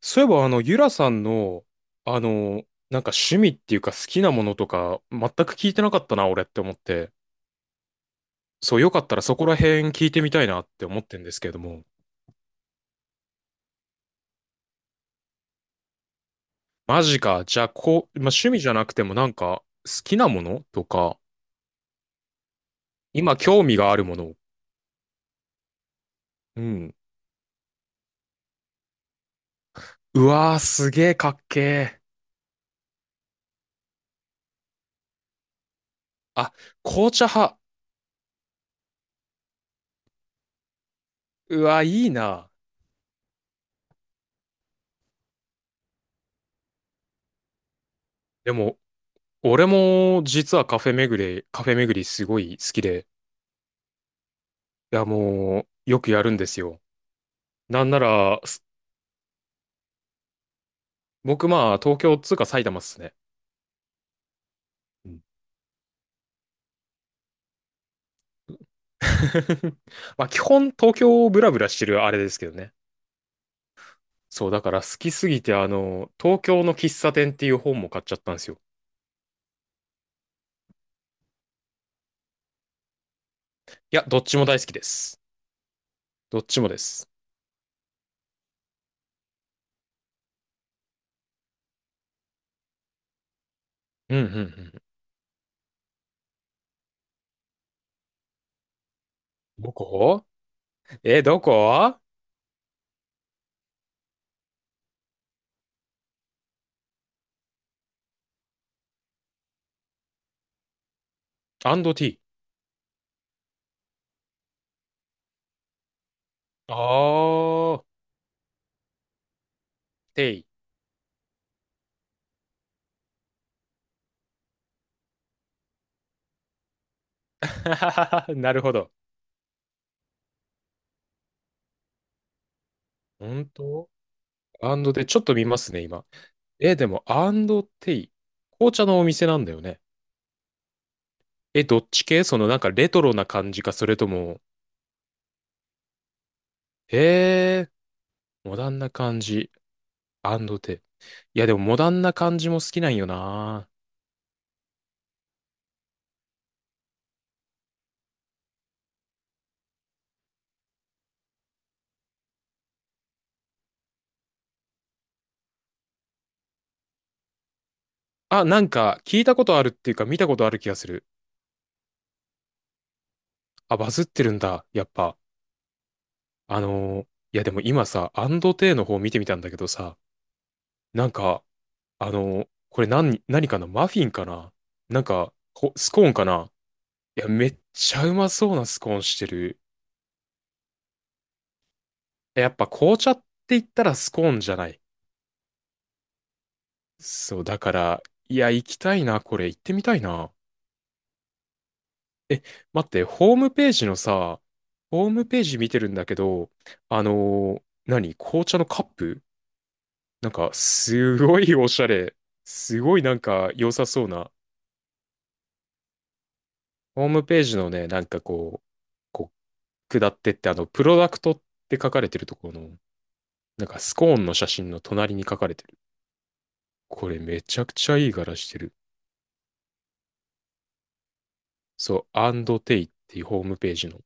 そういえば、ゆらさんの、あの、なんか趣味っていうか好きなものとか、全く聞いてなかったな、俺って思って。そう、よかったらそこら辺聞いてみたいなって思ってんですけれども。マジか。じゃあ、こう、まあ、趣味じゃなくてもなんか、好きなものとか、今興味があるもの。うん。うわー、すげーかっけー。あ、紅茶派。うわー、いいな。でも、俺も実はカフェ巡り、カフェ巡りすごい好きで、いや、もう、よくやるんですよ。なんなら、す僕まあ東京っつうか埼玉っすね。うん まあ基本東京をブラブラしてるあれですけどね。そうだから好きすぎて東京の喫茶店っていう本も買っちゃったんですよ。いや、どっちも大好きです。どっちもです。うんうんうん。どこえ、どこアンドティー。あー、テイ。なるほど。本当アンドで、ちょっと見ますね、今。え、でも、アンドテイ。紅茶のお店なんだよね。え、どっち系そのなんかレトロな感じか、それとも、へえ、モダンな感じ、アンドテ。いや、でもモダンな感じも好きなんよな。あ、なんか聞いたことあるっていうか見たことある気がする。あ、バズってるんだ、やっぱ。あのーいや、でも今さ、アンドテの方見てみたんだけどさ、なんか、これ何、何かなマフィンかななんか、スコーンかないや、めっちゃうまそうなスコーンしてる。やっぱ紅茶って言ったらスコーンじゃないそう、だから、いや、行きたいな、これ、行ってみたいな。え、待って、ホームページのさ、ホームページ見てるんだけど、あのー何紅茶のカップなんか、すごいおしゃれ。すごいなんか、良さそうな。ホームページのね、なんかこう、こう、下ってって、プロダクトって書かれてるところの、なんか、スコーンの写真の隣に書かれてる。これ、めちゃくちゃいい柄してる。そう、アンドテイっていうホームページの。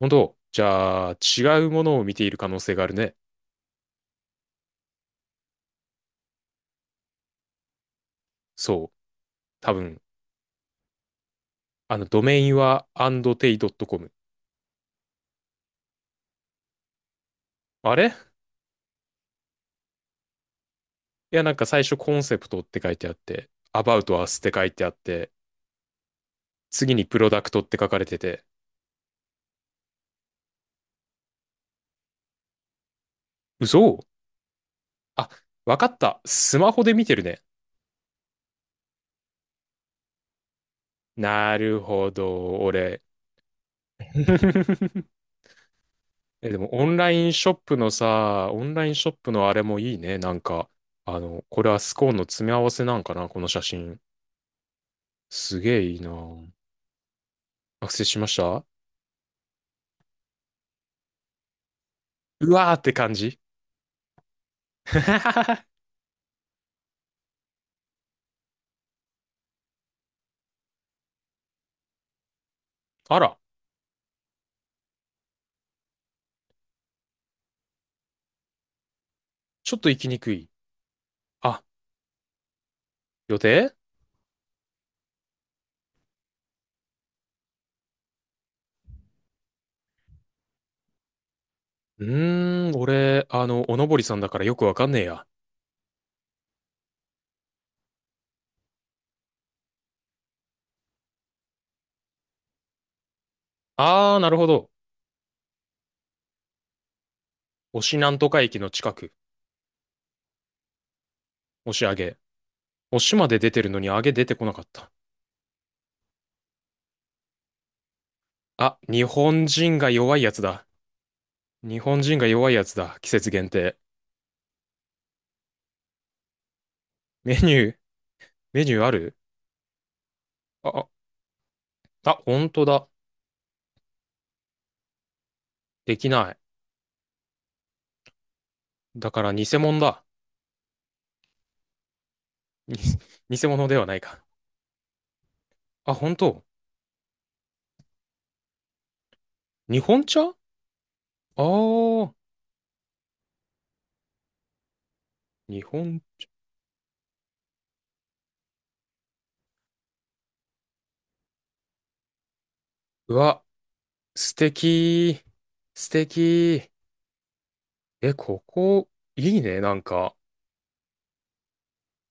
本当じゃあ、違うものを見ている可能性があるね。そう。多分、ドメインは andt ドッ c o m あれいや、なんか最初コンセプトって書いてあって、about us って書いてあって、次にプロダクトって書かれてて。嘘あ、わかった。スマホで見てるね。なるほど、俺。え、でもオンラインショップのさ、オンラインショップのあれもいいね。なんか、これはスコーンの詰め合わせなんかな、この写真。すげえいいな。学生しましたうわーって感じ あら、ちょっと行きにくい。あ、予定うーん、俺、おのぼりさんだからよくわかんねえや。あー、なるほど。押なんとか駅の近く。押し上げ。押しまで出てるのに上げ出てこなかった。あ、日本人が弱いやつだ。日本人が弱いやつだ。季節限定。メニュー、メニューあるあ、あ、あ、ほんとだ。できない。だから偽物だ。に 偽物ではないか。あ、本当。日本茶ああ、日本。うわ、素敵。素敵。え、ここ、いいね、なんか。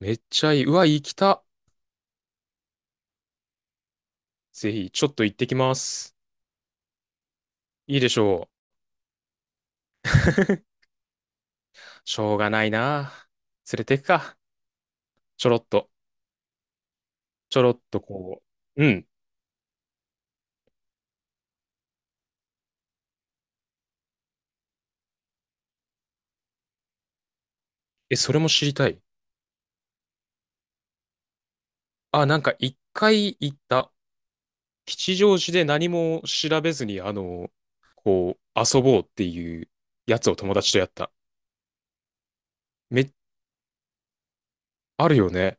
めっちゃいい。うわ、行きた。ぜひ、ちょっと行ってきます。いいでしょう。しょうがないな。連れてくか。ちょろっと。ちょろっとこう。うん。え、それも知りたい。あ、なんか一回行った。吉祥寺で何も調べずに、こう、遊ぼうっていうやつを友達とやった。め、あるよね。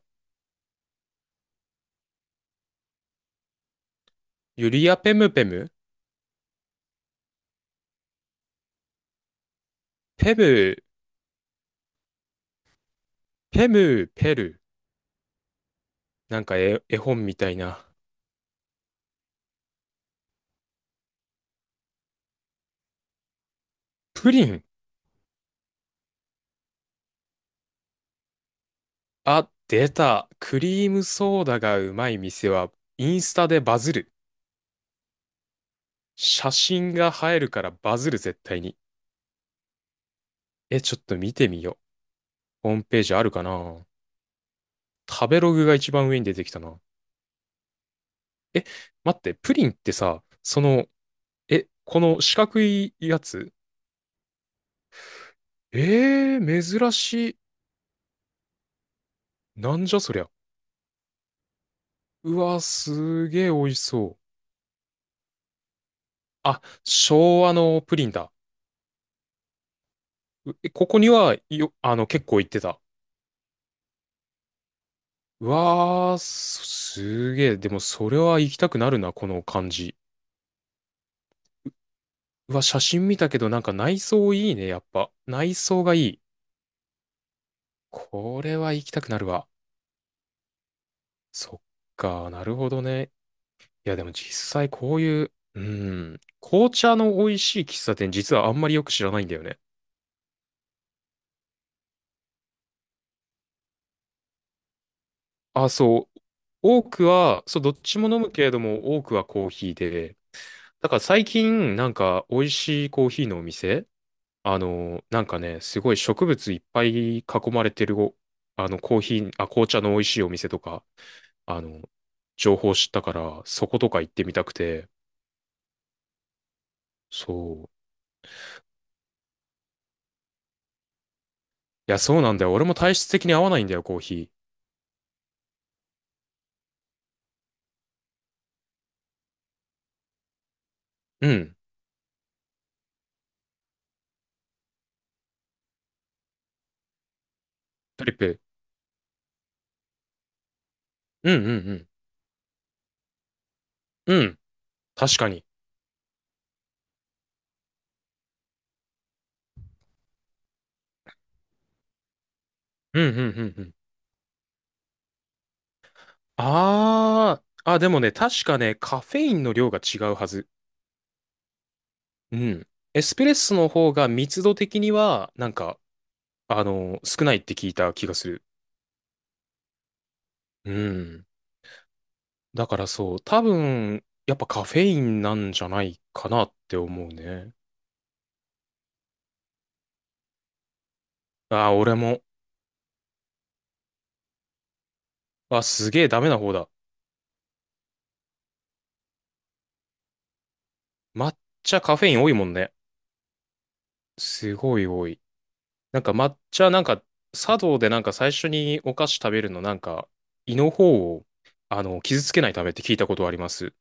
ユリア・ペムペムペム、ペム、ペル。なんか絵、絵本みたいな。プリン。あ、出た。クリームソーダがうまい店は、インスタでバズる。写真が映えるからバズる、絶対に。え、ちょっと見てみよう。ホームページあるかな食べログが一番上に出てきたな。え、待って、プリンってさ、その、え、この四角いやつえー、珍しい。なんじゃそりゃ。うわ、すげえ美味しそう。あ、昭和のプリンだ。うえここにはよ、結構行ってた。うわー、すすげえ。でも、それは行きたくなるな、この感じ。うわ、写真見たけど、なんか内装いいね、やっぱ。内装がいい。これは行きたくなるわ。そっか、なるほどね。いや、でも実際こういう、うん、紅茶の美味しい喫茶店、実はあんまりよく知らないんだよね。あ、そう。多くは、そう、どっちも飲むけれども、多くはコーヒーで、だから最近、なんか、美味しいコーヒーのお店、なんかね、すごい植物いっぱい囲まれてるお、コーヒー、あ、紅茶の美味しいお店とか、あの、情報知ったから、そことか行ってみたくて、そう。いや、そうなんだよ。俺も体質的に合わないんだよ、コーヒー。うん。トリップ。うんうんうん。うん。確かに。うんうんうんうん。あー。あ、でもね、確かね、カフェインの量が違うはず。うん。エスプレッソの方が密度的には、なんか、少ないって聞いた気がする。うん。だからそう、多分、やっぱカフェインなんじゃないかなって思うね。ああ俺も。あ、すげえダメな方だ。抹茶カフェイン多いもんね。すごい多い。なんか抹茶、なんか、茶道でなんか最初にお菓子食べるの、なんか、胃の方を、傷つけないためって聞いたことあります。